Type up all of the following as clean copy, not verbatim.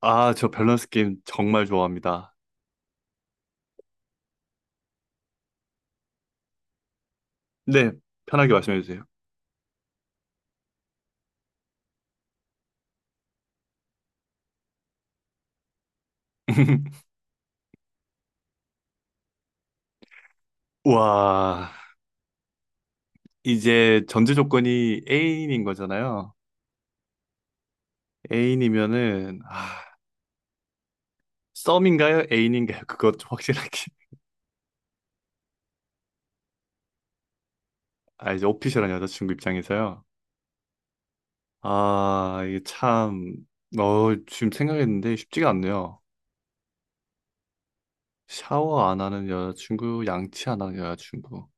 아, 저 밸런스 게임 정말 좋아합니다. 네, 편하게 말씀해 주세요. 와, 이제 전제 조건이 애인인 거잖아요. 애인이면은, 아, 썸인가요? 애인인가요? 그것 좀 확실하게. 아, 이제 오피셜한 여자친구 입장에서요. 아, 이게 참, 지금 생각했는데 쉽지가 않네요. 샤워 안 하는 여자친구, 양치 안 하는 여자친구.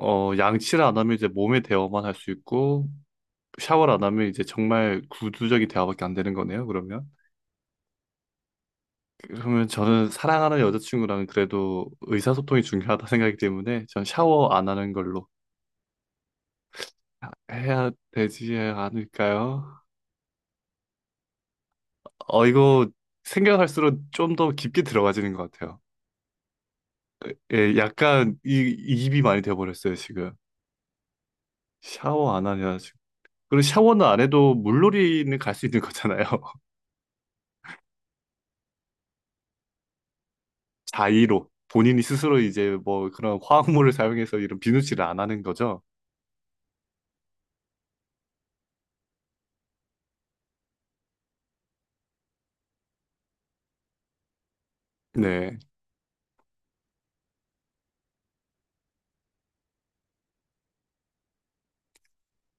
양치를 안 하면 이제 몸에 대어만 할 수 있고, 샤워를 안 하면 이제 정말 구두적인 대화밖에 안 되는 거네요, 그러면. 그러면 저는 사랑하는 여자친구랑 그래도 의사소통이 중요하다 생각이기 때문에 전 샤워 안 하는 걸로 해야 되지 않을까요? 이거 생각할수록 좀 더 깊게 들어가지는 것 같아요. 예, 약간 이입이 많이 돼버렸어요, 지금. 샤워 안 하냐, 지금. 그리고 샤워는 안 해도 물놀이는 갈 수 있는 거잖아요. 자의로. 본인이 스스로 이제 뭐 그런 화학물을 사용해서 이런 비누칠을 안 하는 거죠. 네.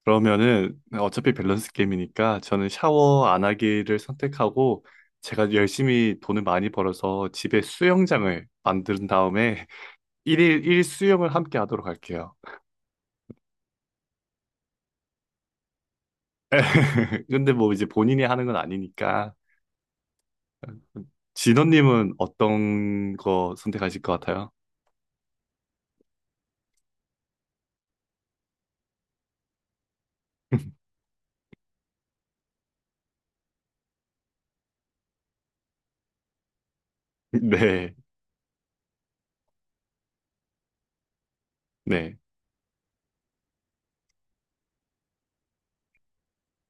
그러면은 어차피 밸런스 게임이니까 저는 샤워 안 하기를 선택하고 제가 열심히 돈을 많이 벌어서 집에 수영장을 만든 다음에 일일일 수영을 함께 하도록 할게요. 근데 뭐 이제 본인이 하는 건 아니니까 진원님은 어떤 거 선택하실 것 같아요? 네, 네.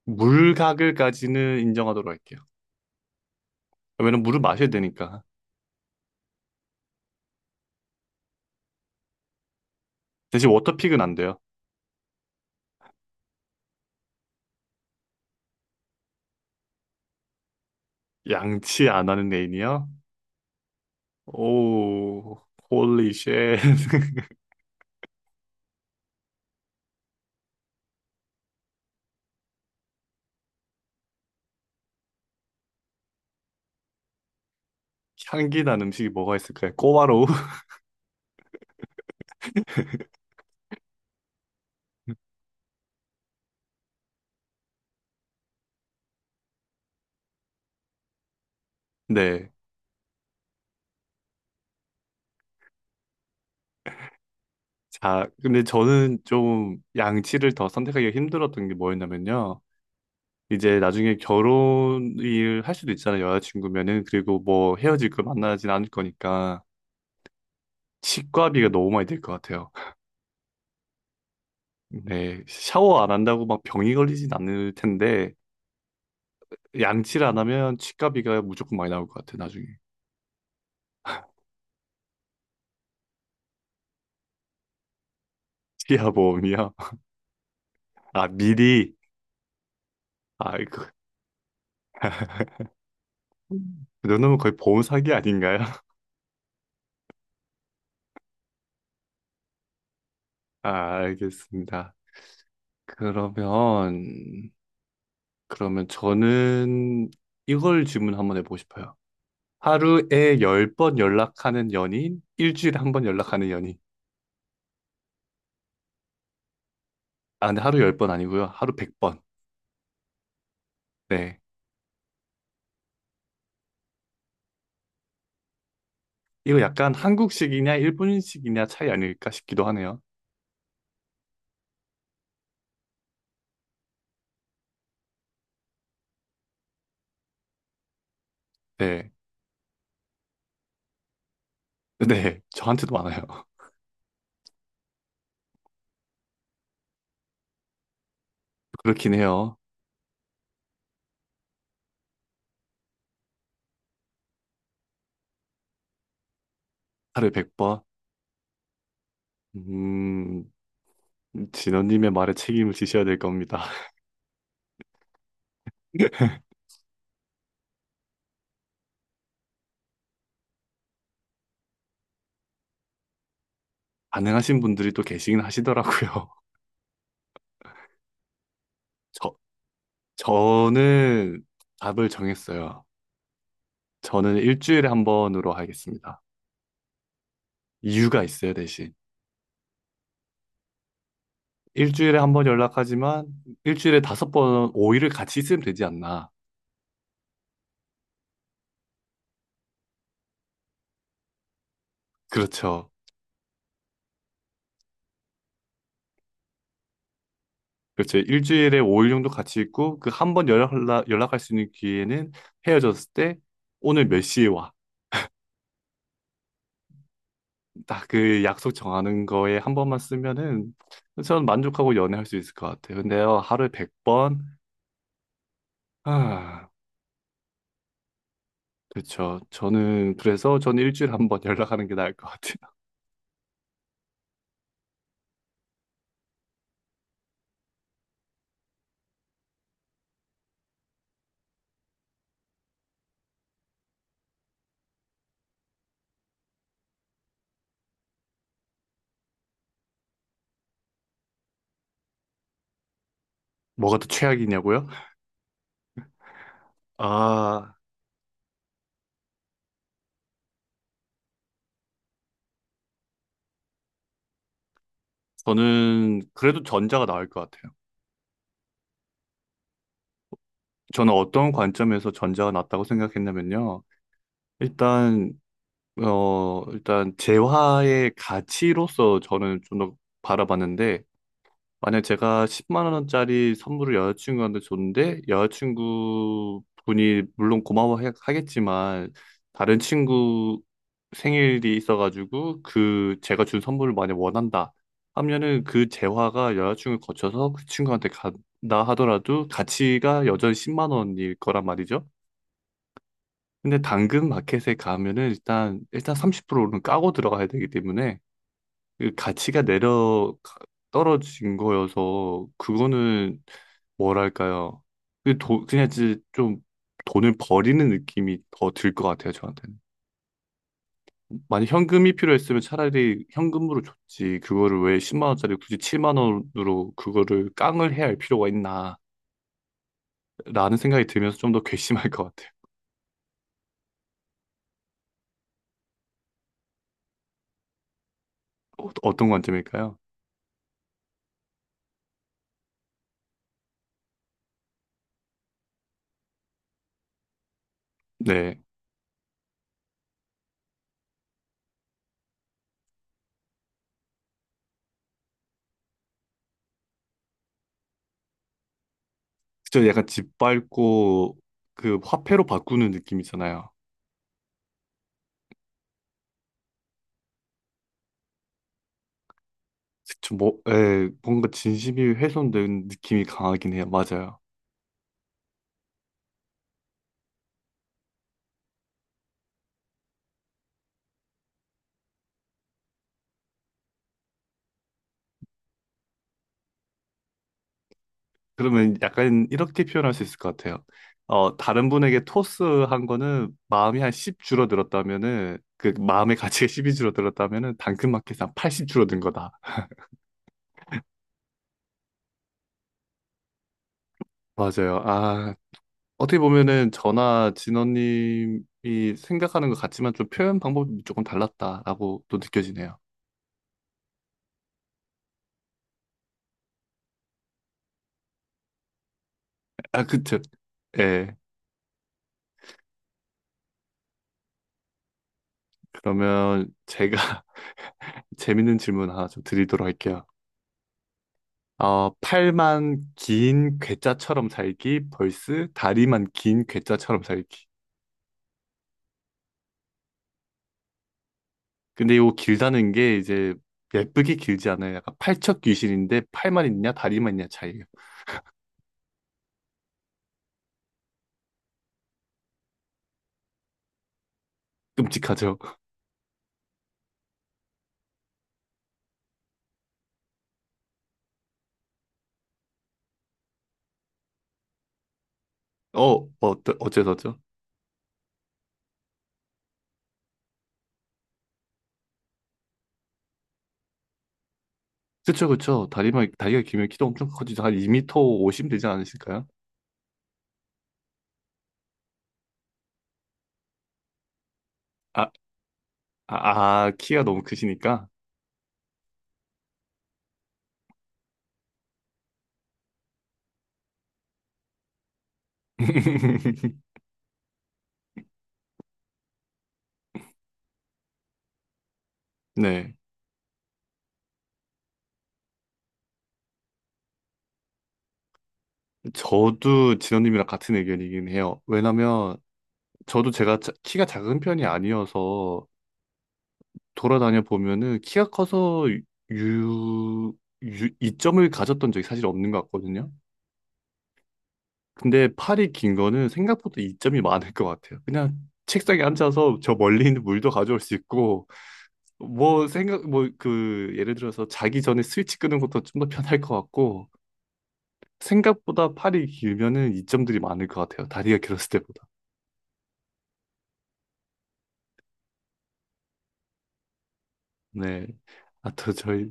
물가글까지는 인정하도록 할게요. 왜냐면 물을 마셔야 되니까. 대신 워터픽은 안 돼요. 양치 안 하는 애인이요? 오, 홀리 쉣. 향기 난 음식이 뭐가 있을까요? 꼬바로우? 네. 자, 근데 저는 좀 양치를 더 선택하기가 힘들었던 게 뭐였냐면요. 이제 나중에 결혼을 할 수도 있잖아요. 여자친구면은. 그리고 뭐 헤어질 거 만나진 않을 거니까. 치과비가 너무 많이 들 것 같아요. 네. 샤워 안 한다고 막 병이 걸리진 않을 텐데, 양치를 안 하면 치과비가 무조건 많이 나올 것 같아요. 나중에. 치아보험이요? 아, 미리. 아, 그 정도면 거의 보험 사기 아닌가요? 아, 알겠습니다. 그러면, 그러면 저는 이걸 질문 한번 해보고 싶어요. 하루에 열 번 연락하는 연인, 일주일에 한번 연락하는 연인. 아, 근데 하루 열 번 아니고요. 하루 100번. 네. 이거 약간 한국식이냐, 일본식이냐 차이 아닐까 싶기도 하네요. 네. 네. 저한테도 많아요. 그렇긴 해요. 하루에 100번. 음, 진원님의 말에 책임을 지셔야 될 겁니다. 가능하신 분들이 또 계시긴 하시더라고요. 저, 저는 답을 정했어요. 저는 일주일에 한 번으로 하겠습니다. 이유가 있어요, 대신. 일주일에 한 번 연락하지만 일주일에 다섯 번, 5일을 같이 있으면 되지 않나. 그렇죠. 그렇죠. 일주일에 5일 정도 같이 있고 그 한 번 연락할 수 있는 기회는 헤어졌을 때 오늘 몇 시에 와. 딱 그 약속 정하는 거에 한 번만 쓰면은 저는 만족하고 연애할 수 있을 것 같아요. 근데요, 하루에 100번? 그렇죠. 저는 그래서 저는 일주일에 한번 연락하는 게 나을 것 같아요. 뭐가 더 최악이냐고요? 아, 저는 그래도 전자가 나을 것 같아요. 저는 어떤 관점에서 전자가 낫다고 생각했냐면요. 일단 재화의 가치로서 저는 좀 더 바라봤는데 만약 제가 10만 원짜리 선물을 여자친구한테 줬는데 여자친구 분이 물론 고마워하겠지만 다른 친구 생일이 있어가지고 그 제가 준 선물을 만약 원한다 하면은 그 재화가 여자친구를 거쳐서 그 친구한테 간다 하더라도 가치가 여전히 10만 원일 거란 말이죠. 근데 당근 마켓에 가면은 일단 30%는 까고 들어가야 되기 때문에 그 가치가 내려 떨어진 거여서 그거는 뭐랄까요? 그 돈, 그냥 이제 좀 돈을 버리는 느낌이 더 들 것 같아요, 저한테는. 만약 현금이 필요했으면 차라리 현금으로 줬지. 그거를 왜 10만 원짜리 굳이 7만 원으로 그거를 깡을 해야 할 필요가 있나라는 생각이 들면서 좀 더 괘씸할 것 같아요. 어떤 관점일까요? 네. 저 약간 집 밟고 그 화폐로 바꾸는 느낌이잖아요. 그쵸, 뭐, 예, 뭔가 진심이 훼손된 느낌이 강하긴 해요. 맞아요. 그러면 약간 이렇게 표현할 수 있을 것 같아요. 다른 분에게 토스한 거는 마음이 한 10 줄어들었다면은, 그 마음의 가치가 10이 줄어들었다면은 당근마켓에 한80 줄어든 거다. 맞아요. 아, 어떻게 보면은 저나 진원님이 생각하는 것 같지만 좀 표현 방법이 조금 달랐다라고 또 느껴지네요. 아, 그쵸. 예, 그러면 제가 재밌는 질문 하나 좀 드리도록 할게요. 팔만 긴 괴짜처럼 살기, 벌스 다리만 긴 괴짜처럼 살기. 근데 이거 길다는 게 이제 예쁘게 길지 않아요. 약간 팔척 귀신인데 팔만 있냐 다리만 있냐 차이예요. 끔찍하죠. 어, 어째서죠? 그쵸, 그쵸. 다리가 길면 키도 엄청 커지죠. 한2터50 되지 않으실까요? 아, 아, 아, 키가 너무 크시니까. 네. 저도 진원님이랑 같은 의견이긴 해요. 왜냐면 저도 제가 키가 작은 편이 아니어서 돌아다녀 보면은 키가 커서 유, 이점을 가졌던 적이 사실 없는 것 같거든요. 근데 팔이 긴 거는 생각보다 이점이 많을 것 같아요. 그냥 책상에 앉아서 저 멀리 있는 물도 가져올 수 있고 뭐 생각 뭐 그 예를 들어서 자기 전에 스위치 끄는 것도 좀 더 편할 것 같고 생각보다 팔이 길면은 이점들이 많을 것 같아요. 다리가 길었을 때보다. 네. 아, 또 저희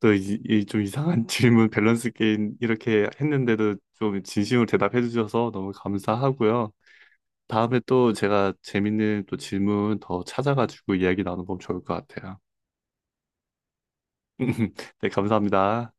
또 이 좀 이상한 질문 밸런스 게임 이렇게 했는데도 좀 진심으로 대답해 주셔서 너무 감사하고요. 다음에 또 제가 재밌는 또 질문 더 찾아가지고 이야기 나눠보면 좋을 것 같아요. 네, 감사합니다.